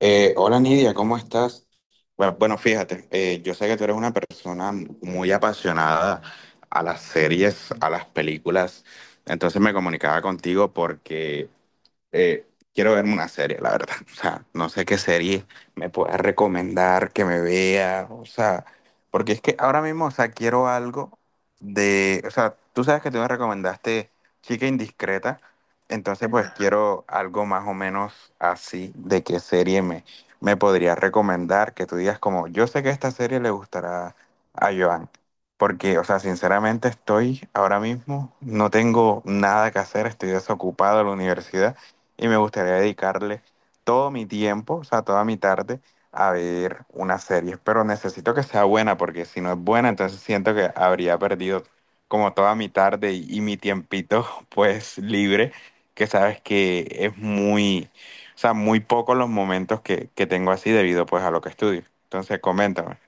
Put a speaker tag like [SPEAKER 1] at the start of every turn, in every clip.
[SPEAKER 1] Hola Nidia, ¿cómo estás? Bueno, fíjate, yo sé que tú eres una persona muy apasionada a las series, a las películas, entonces me comunicaba contigo porque eh, quiero verme una serie, la verdad. O sea, no sé qué serie me puedas recomendar que me vea. O sea, porque es que ahora mismo, o sea, quiero algo de. O sea, tú sabes que tú me recomendaste Chica Indiscreta. Entonces, pues quiero algo más o menos así de qué serie me podrías recomendar. Que tú digas, como, yo sé que esta serie le gustará a Joan. Porque, o sea, sinceramente estoy ahora mismo, no tengo nada que hacer, estoy desocupado de la universidad y me gustaría dedicarle todo mi tiempo, o sea, toda mi tarde a ver una serie, pero necesito que sea buena porque si no es buena, entonces siento que habría perdido como toda mi tarde y mi tiempito pues libre, que sabes que es muy, o sea, muy pocos los momentos que tengo así debido pues a lo que estudio. Entonces, coméntame.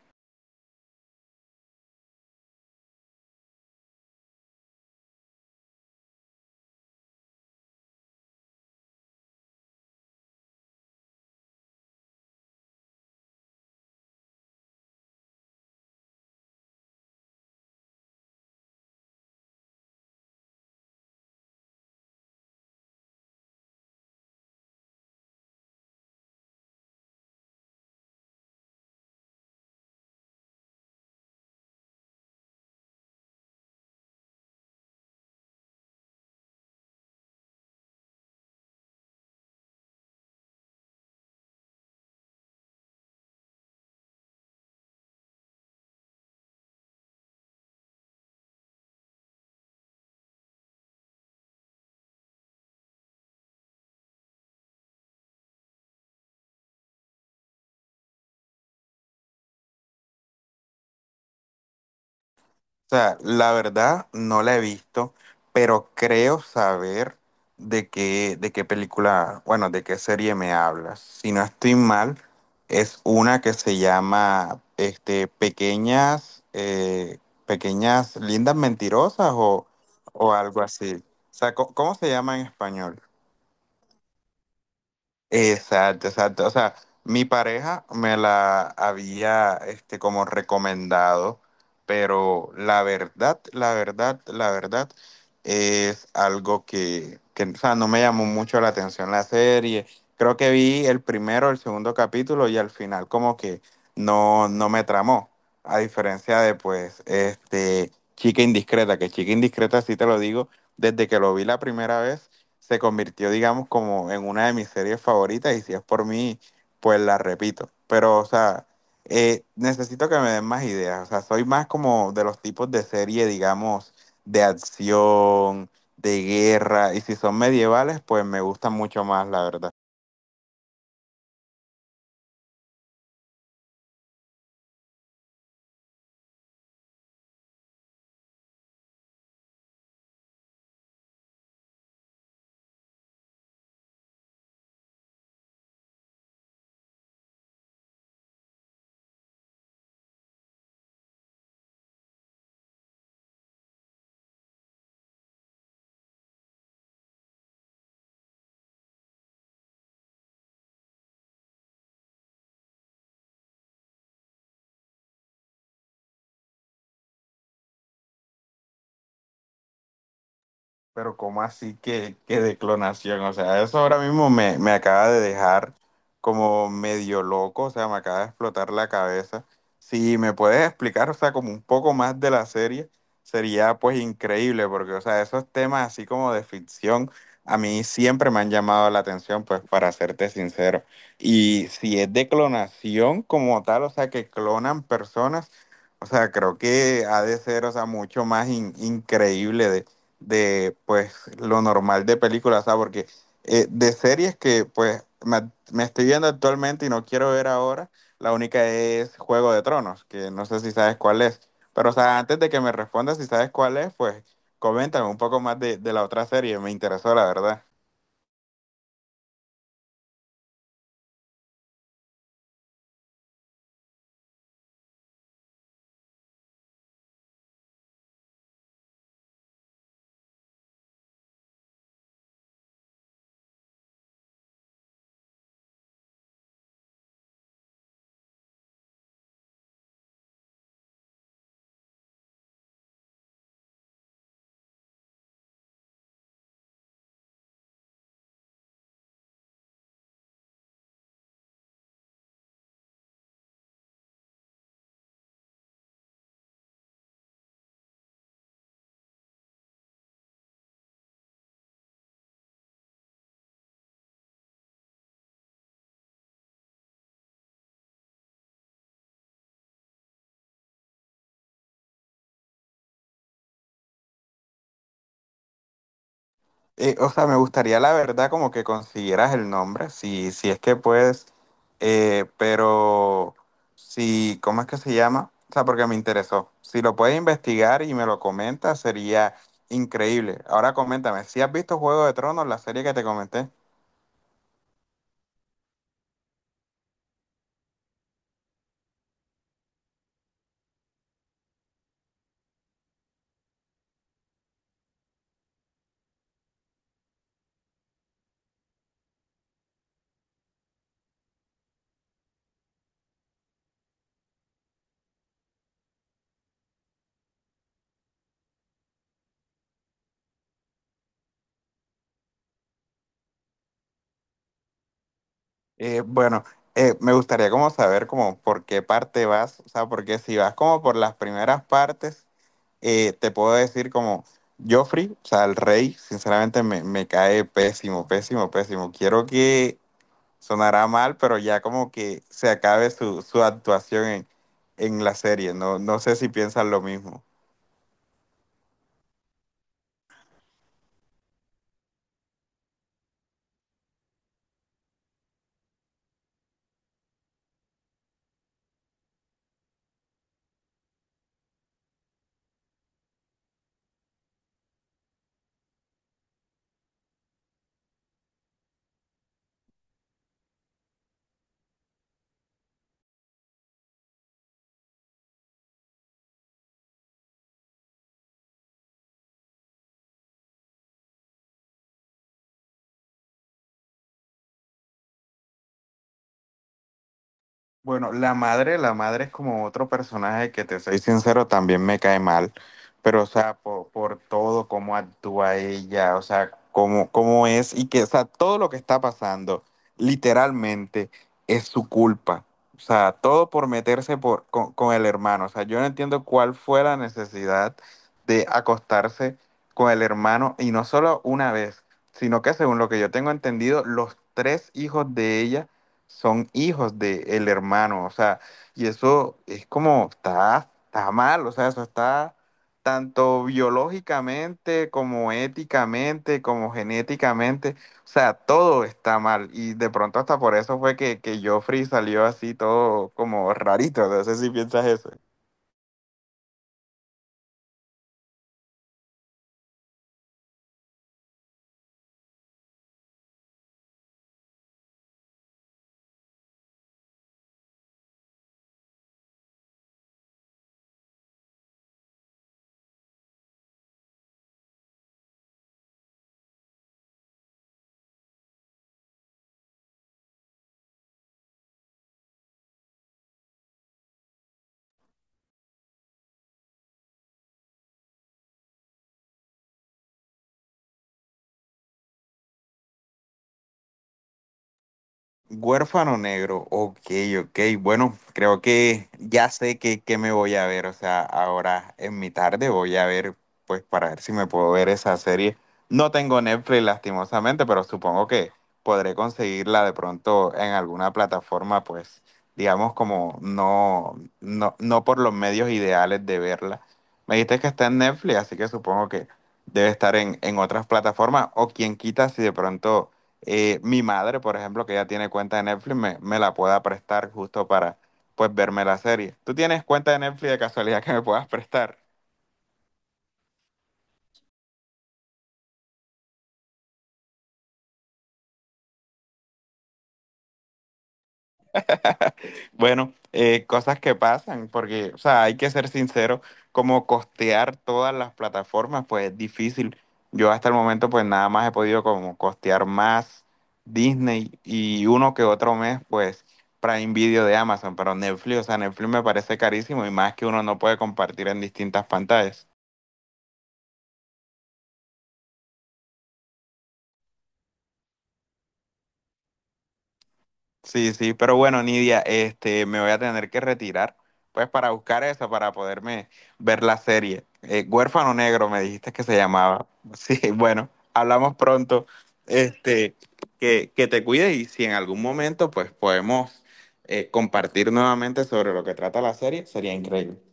[SPEAKER 1] O sea, la verdad no la he visto, pero creo saber de qué película, bueno, de qué serie me hablas. Si no estoy mal, es una que se llama este, Pequeñas, Pequeñas Lindas Mentirosas o algo así. O sea, ¿cómo, cómo se llama en español? Exacto, exacto. O sea, mi pareja me la había, este, como recomendado, pero la verdad es algo o sea, no me llamó mucho la atención la serie. Creo que vi el primero, el segundo capítulo y al final como que no, no me tramó. A diferencia de, pues, este, Chica Indiscreta, que Chica Indiscreta sí te lo digo, desde que lo vi la primera vez se convirtió, digamos, como en una de mis series favoritas y si es por mí, pues la repito. Pero, o sea, necesito que me den más ideas. O sea, soy más como de los tipos de serie, digamos, de acción, de guerra y si son medievales, pues me gustan mucho más, la verdad. Pero ¿cómo así que de clonación? O sea, eso ahora mismo me acaba de dejar como medio loco, o sea, me acaba de explotar la cabeza. Si me puedes explicar, o sea, como un poco más de la serie, sería pues increíble, porque, o sea, esos temas así como de ficción, a mí siempre me han llamado la atención, pues para serte sincero. Y si es de clonación como tal, o sea, que clonan personas, o sea, creo que ha de ser, o sea, mucho más increíble de pues lo normal de películas, ¿sabes? Porque de series que pues me estoy viendo actualmente y no quiero ver ahora, la única es Juego de Tronos, que no sé si sabes cuál es. Pero, o sea, antes de que me respondas si sabes cuál es, pues coméntame un poco más de la otra serie, me interesó, la verdad. O sea, me gustaría la verdad como que consiguieras el nombre, si es que puedes, pero si, ¿cómo es que se llama? O sea, porque me interesó. Si lo puedes investigar y me lo comentas, sería increíble. Ahora coméntame, ¿si has visto Juego de Tronos, la serie que te comenté? Eh, bueno, me gustaría como saber como por qué parte vas, o sea, porque si vas como por las primeras partes te puedo decir como Joffrey, o sea, el rey, sinceramente me cae pésimo, pésimo, pésimo. Quiero que sonará mal, pero ya como que se acabe su actuación en la serie. No, no sé si piensan lo mismo. Bueno, la madre es como otro personaje que te soy sincero, también me cae mal, pero o sea, por todo, cómo actúa ella, o sea, cómo, cómo es y que, o sea, todo lo que está pasando, literalmente, es su culpa. O sea, todo por meterse con el hermano. O sea, yo no entiendo cuál fue la necesidad de acostarse con el hermano y no solo una vez, sino que según lo que yo tengo entendido, los tres hijos de ella son hijos del hermano, o sea, y eso es como, está mal, o sea, eso está tanto biológicamente como éticamente, como genéticamente, o sea, todo está mal, y de pronto hasta por eso fue que Joffrey salió así todo como rarito, no sé si piensas eso. Huérfano negro, ok, ok. Bueno, creo que ya sé que me voy a ver. O sea, ahora en mi tarde voy a ver, pues para ver si me puedo ver esa serie. No tengo Netflix, lastimosamente, pero supongo que podré conseguirla de pronto en alguna plataforma, pues, digamos, como no por los medios ideales de verla. Me dijiste que está en Netflix, así que supongo que debe estar en otras plataformas, o quien quita si de pronto mi madre, por ejemplo, que ya tiene cuenta de Netflix, me la pueda prestar justo para, pues, verme la serie. ¿Tú tienes cuenta de Netflix de casualidad que me puedas prestar? Bueno, cosas que pasan, porque, o sea, hay que ser sincero, como costear todas las plataformas, pues es difícil. Yo hasta el momento, pues, nada más he podido como costear más Disney y uno que otro mes, pues, Prime Video de Amazon, pero Netflix, o sea, Netflix me parece carísimo y más que uno no puede compartir en distintas pantallas. Sí, sí, pero bueno, Nidia, este, me voy a tener que retirar, pues para buscar esa, para poderme ver la serie. Huérfano Negro, me dijiste que se llamaba. Sí, bueno, hablamos pronto. Este, que te cuides y si en algún momento, pues podemos compartir nuevamente sobre lo que trata la serie, sería increíble.